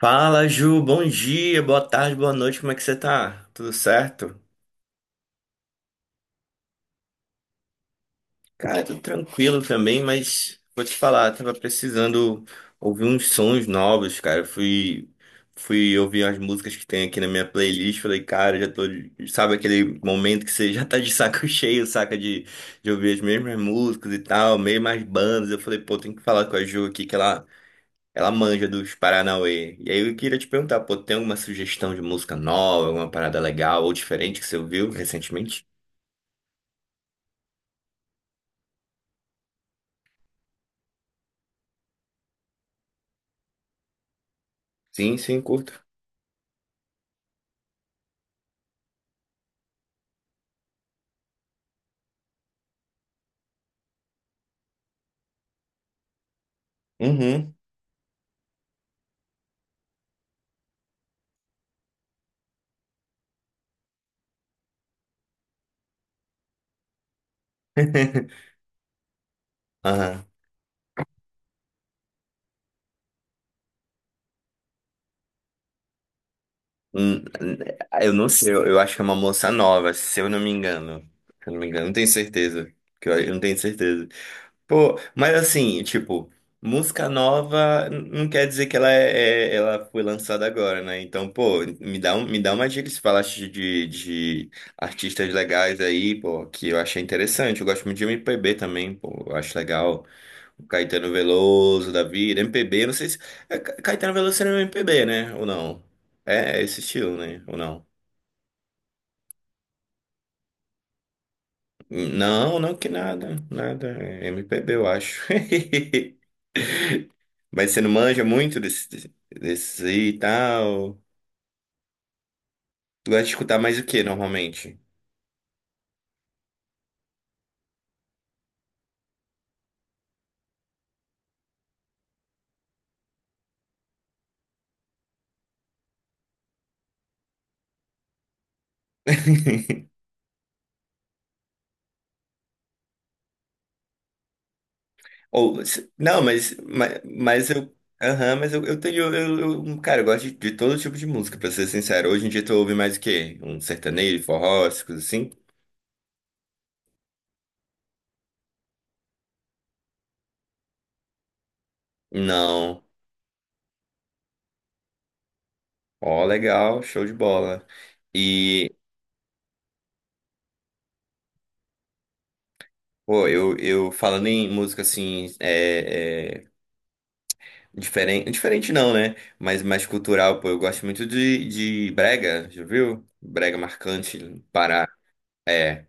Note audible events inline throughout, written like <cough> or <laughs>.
Fala, Ju. Bom dia, boa tarde, boa noite. Como é que você tá? Tudo certo? Cara, tudo tranquilo também, mas vou te falar, tava precisando ouvir uns sons novos, cara. Fui ouvir as músicas que tem aqui na minha playlist. Falei, cara, Sabe aquele momento que você já tá de saco <laughs> cheio, saca? De ouvir as mesmas músicas e tal, mesmas bandas. Eu falei, pô, tem que falar com a Ju aqui, que ela Ela manja dos Paranauê. E aí eu queria te perguntar, pô, tem alguma sugestão de música nova, alguma parada legal ou diferente que você ouviu recentemente? Sim, sim, curto. Uhum. <laughs> Aham. Hum, Eu não sei, eu acho que é uma moça nova, se eu não me engano. Se eu não me engano, não tenho certeza. Que eu não tenho certeza. Pô, mas assim, tipo, música nova não quer dizer que ela ela foi lançada agora, né? Então, pô, me dá uma dica se falaste de artistas legais aí, pô, que eu achei interessante. Eu gosto muito de MPB também, pô, eu acho legal. O Caetano Veloso da vida, MPB, não sei se. É, Caetano Veloso seria um MPB, né? Ou não? É, é esse estilo, né? Ou não? Não, não que nada, nada. É MPB, eu acho. <laughs> Mas você não manja muito desses aí e tal. Tu gosta de escutar mais o que normalmente? <laughs> Ou, se- não, mas eu. Aham, eu tenho. Cara, eu gosto de todo tipo de música, pra ser sincero. Hoje em dia tu ouve mais o quê? Um sertanejo, forró, essas coisas assim? Não. Ó, legal, show de bola. E, eu falando em música assim, Diferente, diferente não, né? Mas mais cultural, pô. Eu gosto muito de brega, já viu? Brega marcante, Pará. É.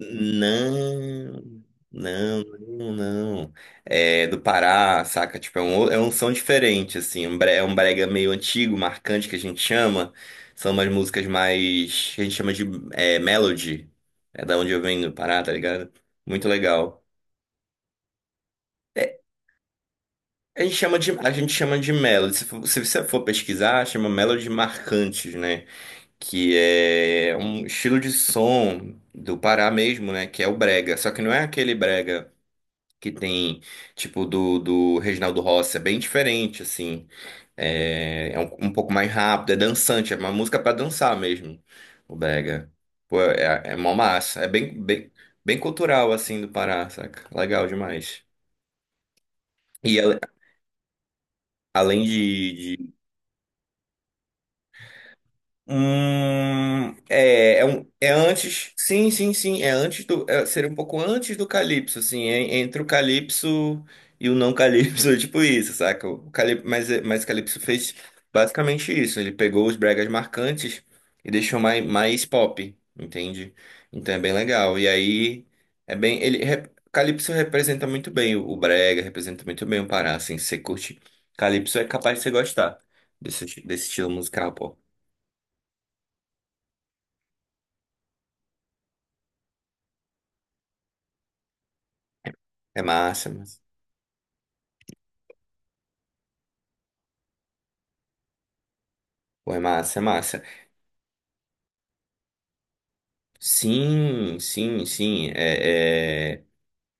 Não, não, não, não. É do Pará, saca? Tipo, é um som diferente, assim. É um brega meio antigo, marcante, que a gente chama. São umas músicas mais que a gente chama de é, melody. É da onde eu venho, do Pará, tá ligado? Muito legal. É, a gente chama de melody. Se você for pesquisar, chama melody marcantes, né? Que é um estilo de som do Pará mesmo, né? Que é o brega. Só que não é aquele brega que tem, tipo, do Reginaldo Rossi. É bem diferente, assim. É, é um, um pouco mais rápido, é dançante. É uma música pra dançar mesmo, o brega. Pô, é, é mó massa. Bem cultural, assim, do Pará, saca? Legal demais. E a- além de, é antes. Sim, sim, sim. Seria um pouco antes do Calypso, assim. É entre o Calypso e o não Calypso, <laughs> é tipo isso, saca? O Calyp- mas, é- mas o Calypso fez basicamente isso. Ele pegou os bregas marcantes e deixou mais pop, entende? Então é bem legal. E aí é bem. Ele, rep- Calypso representa muito bem o brega, representa muito bem o Pará, assim. Se você curte Calypso, é capaz de você gostar desse estilo musical, pô. É massa, mas... Pô, é massa, é massa. Sim, sim, sim. É, é...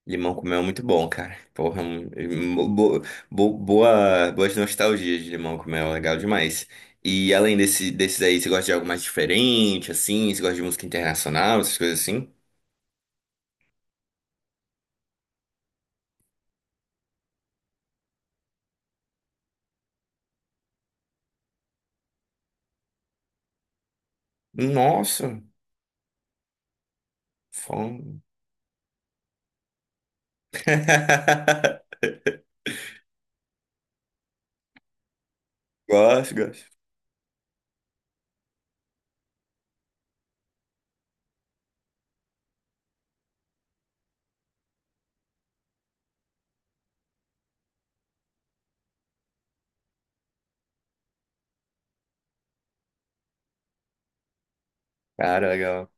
Limão com mel é muito bom, cara. Porra, boas nostalgias de limão com mel, legal demais. E além desse, desses aí, você gosta de algo mais diferente, assim? Você gosta de música internacional, essas coisas assim? Nossa, fome. <laughs> Gosto, gosto. Cara, legal.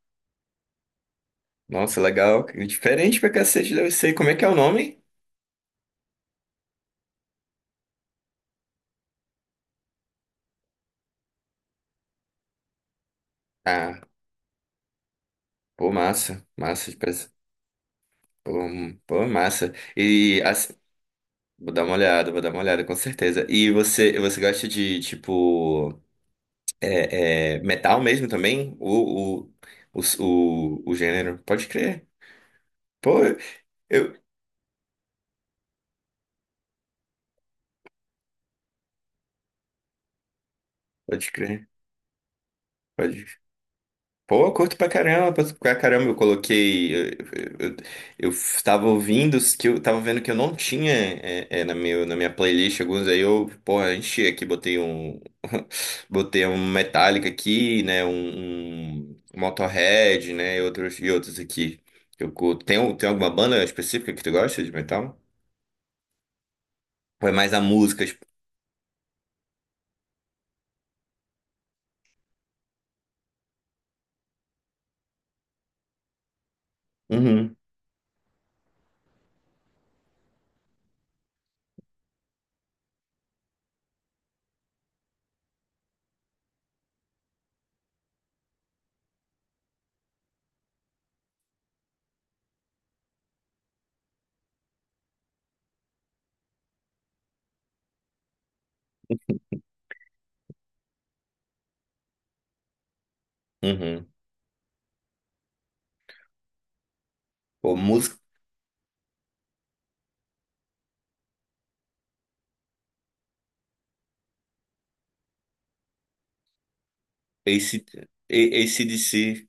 Nossa, legal. Diferente pra cacete, deve ser. Como é que é o nome? Ah, pô, massa. Massa de Pô, massa. E assim, vou dar uma olhada, vou dar uma olhada, com certeza. Você gosta de, tipo, metal mesmo também? O gênero? Pode crer. Pô, eu. Pode crer. Pode. Pô, eu curto pra caramba, pra caramba, eu coloquei. Eu, eu tava ouvindo os que eu tava vendo que eu não tinha na minha playlist alguns, aí eu, porra, enchi aqui, botei um. <laughs> Botei um Metallica aqui, né? Um Motorhead, né? E outros aqui que eu curto. Tem alguma banda específica que tu gosta de metal? Ou é mais a música? Tipo? Uhum, uhum. Pô, música. AC, AC/DC.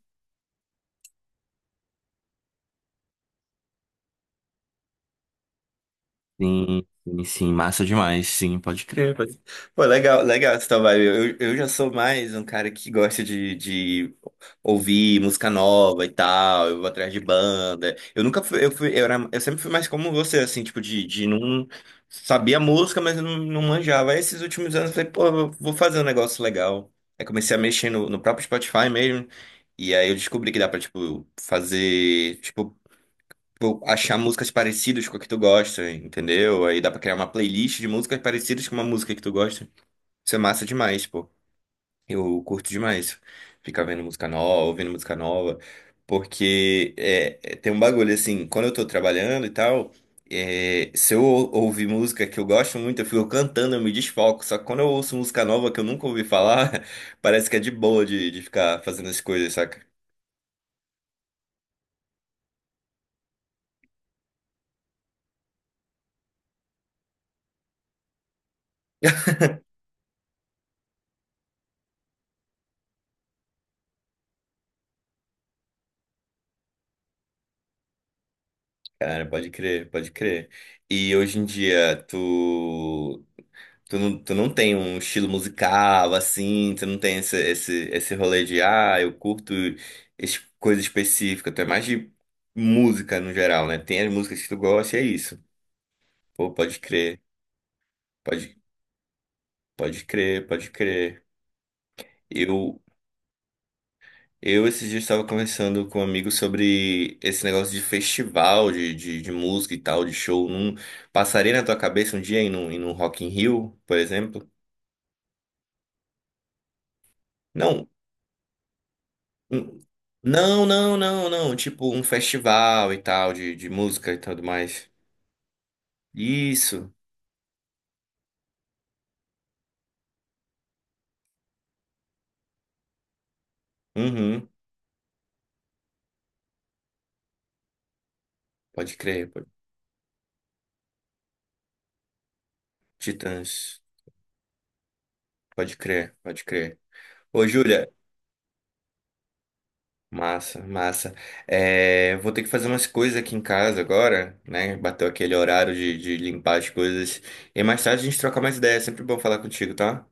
Sim, sim, sim, massa demais, sim, pode crer. Pode... Legal essa tua. Eu já sou mais um cara que gosta de ouvir música nova e tal, eu vou atrás de banda. Eu nunca fui, eu fui, eu era, eu sempre fui mais como você, assim, tipo, de não sabia a música, mas eu não, não manjava. Aí, esses últimos anos eu falei, pô, eu vou fazer um negócio legal. Aí comecei a mexer no próprio Spotify mesmo. E aí eu descobri que dá pra, tipo, fazer, achar músicas parecidas com a que tu gosta, entendeu? Aí dá pra criar uma playlist de músicas parecidas com uma música que tu gosta. Isso é massa demais, pô. Eu curto demais ficar vendo música nova, ouvindo música nova, porque tem um bagulho assim, quando eu tô trabalhando e tal, é, se eu ou- ouvir música que eu gosto muito, eu fico cantando, eu me desfoco. Só que quando eu ouço música nova que eu nunca ouvi falar, <laughs> parece que é de boa de ficar fazendo as coisas, saca? Cara, pode crer, pode crer. E hoje em dia, tu. Tu não tem um estilo musical assim, tu não tem esse rolê de, ah, eu curto coisa específica, tu é mais de música no geral, né? Tem as músicas que tu gosta e é isso. Pô, pode crer, pode, pode crer, pode crer. Eu, eu esses dias estava conversando com um amigo sobre esse negócio de festival, de música e tal, de show. Não passaria na tua cabeça um dia ir num Rock in Rio, por exemplo? Não, Um- Não, não, não, não. Tipo um festival e tal, de música e tudo mais. Isso. Uhum. Pode crer. pode- Titãs. Pode crer, pode crer. Ô, Júlia. Massa, massa. É, vou ter que fazer umas coisas aqui em casa agora, né? Bateu aquele horário de limpar as coisas. E mais tarde a gente troca mais ideias. É sempre bom falar contigo, tá?